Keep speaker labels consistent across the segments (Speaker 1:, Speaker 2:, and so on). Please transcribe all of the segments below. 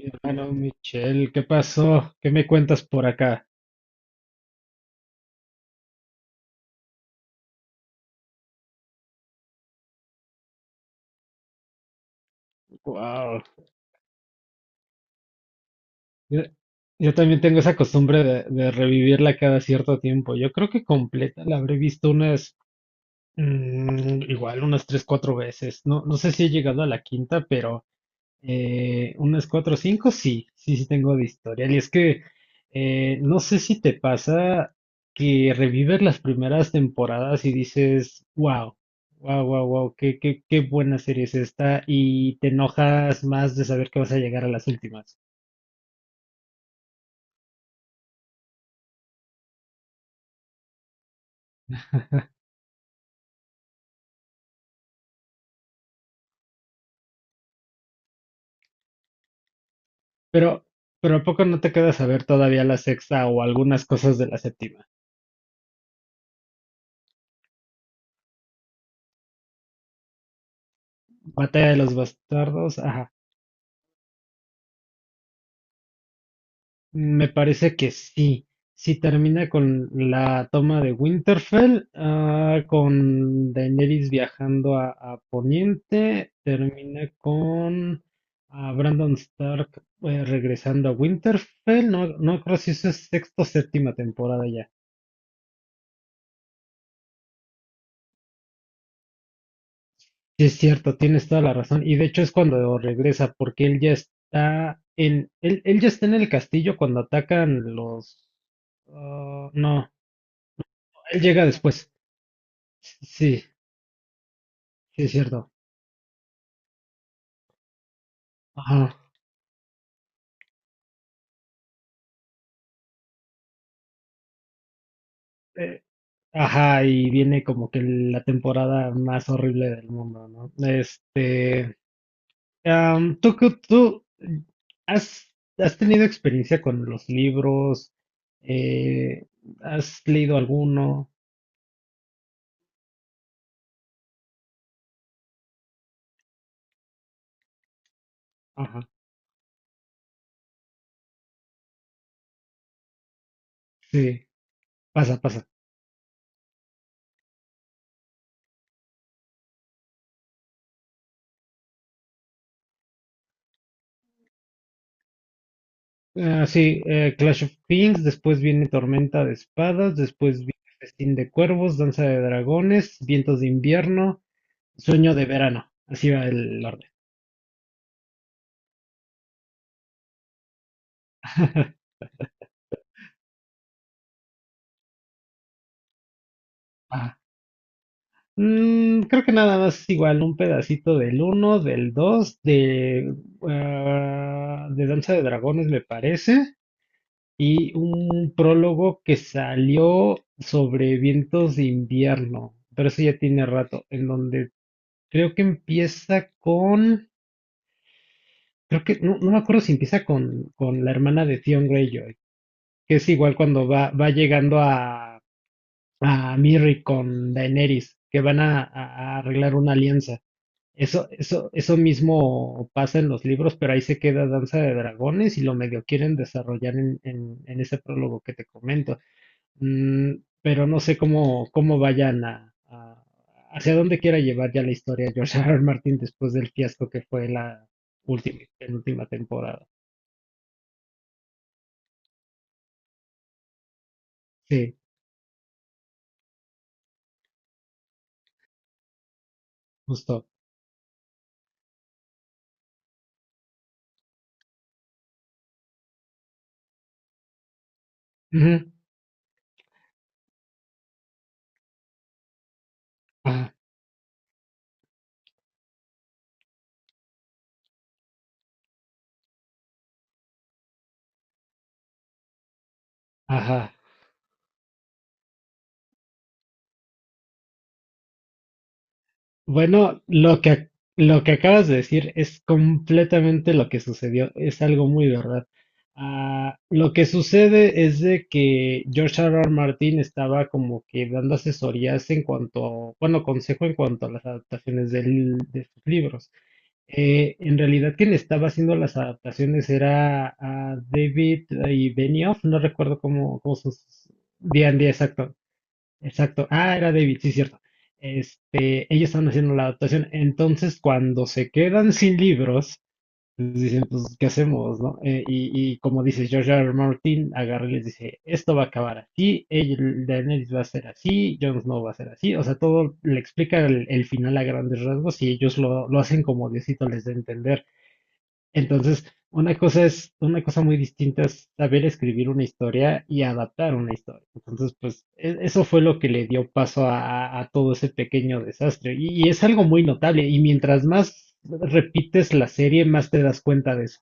Speaker 1: Mi hermano Michel, ¿qué pasó? ¿Qué me cuentas por acá? Wow. Yo, yo también tengo esa costumbre de revivirla cada cierto tiempo. Yo creo que completa la habré visto unas, igual unas tres, cuatro veces. No sé si he llegado a la quinta, pero unas cuatro o cinco, sí tengo de historial. Y es que no sé si te pasa que revives las primeras temporadas y dices, wow, wow, wow, wow, qué buena serie es esta, y te enojas más de saber que vas a llegar a las últimas. Pero, pero ¿a poco no te quedas a ver todavía la sexta o algunas cosas de la séptima? Batalla de los Bastardos, ajá. Me parece que sí. Sí termina con la toma de Winterfell, con Daenerys viajando a Poniente, termina con Brandon Stark regresando a Winterfell. No creo si eso es sexta o séptima temporada ya. Sí, es cierto, tienes toda la razón. Y de hecho es cuando regresa, porque él ya está en, él ya está en el castillo cuando atacan los... ah, no, él llega después. Sí, sí, es cierto. Ajá. Eh, ajá, y viene como que la temporada más horrible del mundo, ¿no? Este, ¿tú, qué- tú has, has tenido experiencia con los libros? Eh, ¿Has leído alguno? Ajá, sí, pasa, pasa. Ah, sí, Clash of Kings, después viene Tormenta de Espadas, después viene Festín de Cuervos, Danza de Dragones, Vientos de Invierno, Sueño de Verano. Así va el orden. Creo que nada más igual un pedacito del uno, del 2, de, de Danza de Dragones me parece, y un prólogo que salió sobre vientos de invierno, pero eso ya tiene rato, en donde creo que empieza con, creo que, no, no me acuerdo si empieza con la hermana de Theon Greyjoy, que es igual cuando va, va llegando a Mirri con Daenerys, que van a arreglar una alianza. Eso mismo pasa en los libros, pero ahí se queda Danza de Dragones y lo medio quieren desarrollar en ese prólogo que te comento. Mm, pero no sé cómo, cómo vayan a- hacia dónde quiera llevar ya la historia George R. R. Martin después del fiasco que fue la última, penúltima temporada. Sí, justo. Ujú. Ah, ajá. Bueno, lo que, ac- lo que acabas de decir es completamente lo que sucedió, es algo muy verdad. Ah, lo que sucede es de que George R. R. Martin estaba como que dando asesorías en cuanto, bueno, consejo en cuanto a las adaptaciones del- de sus libros. En realidad quien estaba haciendo las adaptaciones era David y Benioff, no recuerdo cómo, cómo sus, D&D exacto. Exacto. Ah, era David, sí, cierto. Este, ellos estaban haciendo la adaptación. Entonces, cuando se quedan sin libros, les dicen, pues, ¿qué hacemos, no? Y como dice George R. R. Martin, agarra y les dice, esto va a acabar así, el- Daenerys va a ser así, Jon Snow va a ser así. O sea, todo le explica el final a grandes rasgos y ellos lo hacen como Diosito les dé a entender. Entonces, una cosa es, una cosa muy distinta es saber escribir una historia y adaptar una historia. Entonces, pues e- eso fue lo que le dio paso a todo ese pequeño desastre. Y es algo muy notable. Y mientras más repites la serie, más te das cuenta de eso.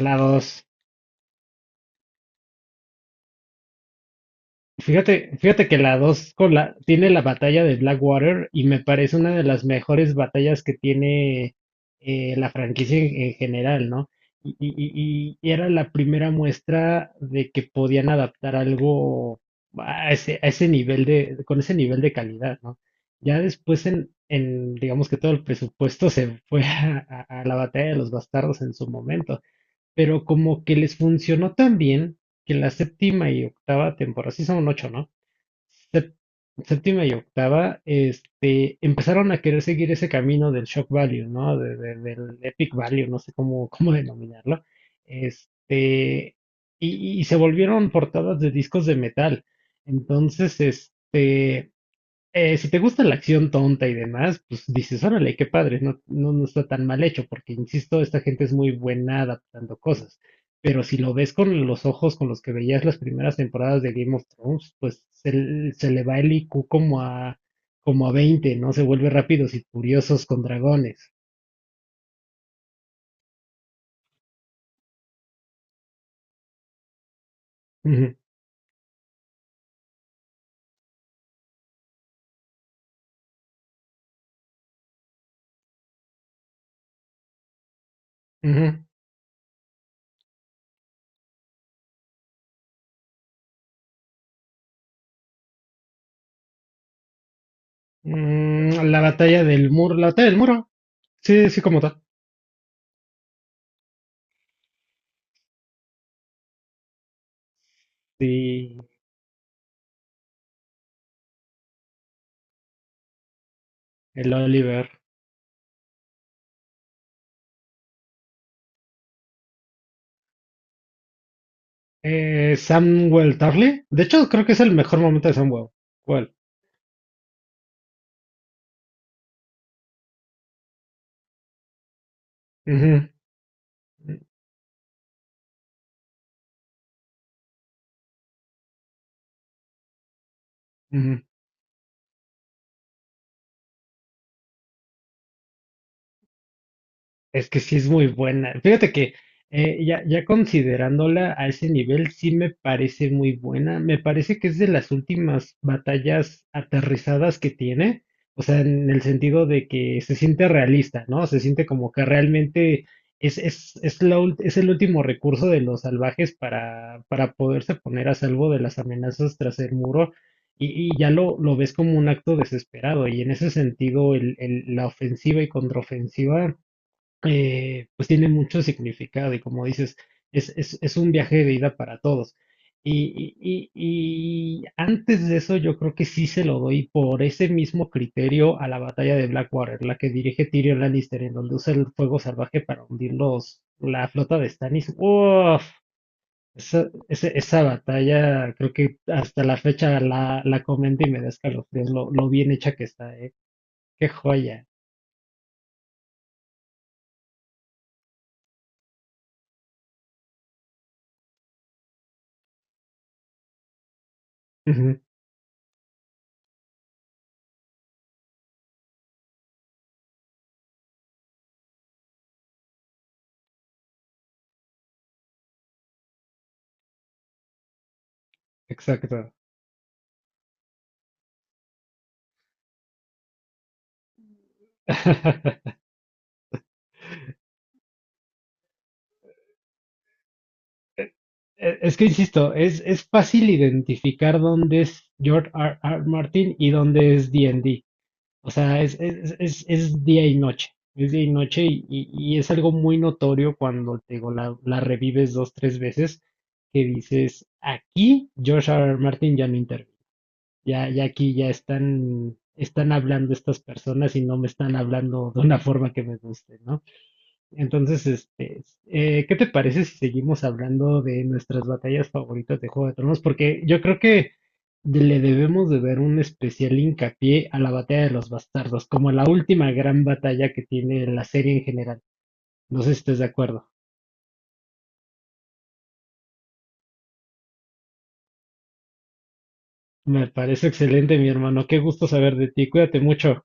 Speaker 1: La dos. Fíjate, fíjate que la 2 con la, tiene la batalla de Blackwater y me parece una de las mejores batallas que tiene la franquicia en general, ¿no? Y, y- y era la primera muestra de que podían adaptar algo a ese nivel de, con ese nivel de calidad, ¿no? Ya después en, digamos que todo el presupuesto se fue a la batalla de los bastardos en su momento. Pero como que les funcionó tan bien que la séptima y octava temporada, sí son ocho, ¿no? Sep- séptima y octava, este, empezaron a querer seguir ese camino del shock value, ¿no? De- del epic value, no sé cómo, cómo denominarlo. Este, y se volvieron portadas de discos de metal. Entonces, este, si te gusta la acción tonta y demás, pues dices, órale, qué padre, no está tan mal hecho, porque insisto, esta gente es muy buena adaptando cosas. Pero si lo ves con los ojos con los que veías las primeras temporadas de Game of Thrones, pues se, l- se le va el IQ como a, como a 20, ¿no? Se vuelve rápidos y furiosos con dragones. Ujú, ujú. La batalla del muro, la batalla del muro. Sí, sí, como tal. Sí, el Oliver. Samwell Tarly. De hecho, creo que es el mejor momento de Samwell. ¿Cuál? Ujú, ujú. Es que sí es muy buena. Fíjate que ya, ya considerándola a ese nivel, sí me parece muy buena. Me parece que es de las últimas batallas aterrizadas que tiene. O sea, en el sentido de que se siente realista, ¿no? Se siente como que realmente es, la ult- es el último recurso de los salvajes para poderse poner a salvo de las amenazas tras el muro. Y ya lo ves como un acto desesperado. Y en ese sentido, el- la ofensiva y contraofensiva pues tiene mucho significado y como dices, es un viaje de ida para todos. Y antes de eso yo creo que sí se lo doy por ese mismo criterio a la batalla de Blackwater, la que dirige Tyrion Lannister, en donde usa el fuego salvaje para hundir los, la flota de Stannis. ¡Uf! Esa, ese- esa batalla creo que hasta la fecha la, la comento y me da escalofríos lo bien hecha que está, ¿eh? ¡Qué joya! Ujú, exacto. e- Es que insisto, es fácil identificar dónde es George R. R. Martin y dónde es D&D. O sea, es día y noche. Es día y noche y es algo muy notorio cuando te digo, la revives dos, tres veces que dices, aquí George R. R. Martin ya no interviene. Ya, ya aquí ya están, están hablando estas personas y no me están hablando de una forma que me guste, ¿no? Entonces, este, ¿qué te parece si seguimos hablando de nuestras batallas favoritas de Juego de Tronos? Porque yo creo que le debemos de ver un especial hincapié a la batalla de los bastardos, como la última gran batalla que tiene la serie en general. No sé si estés de acuerdo. Me parece excelente, mi hermano. Qué gusto saber de ti. Cuídate mucho.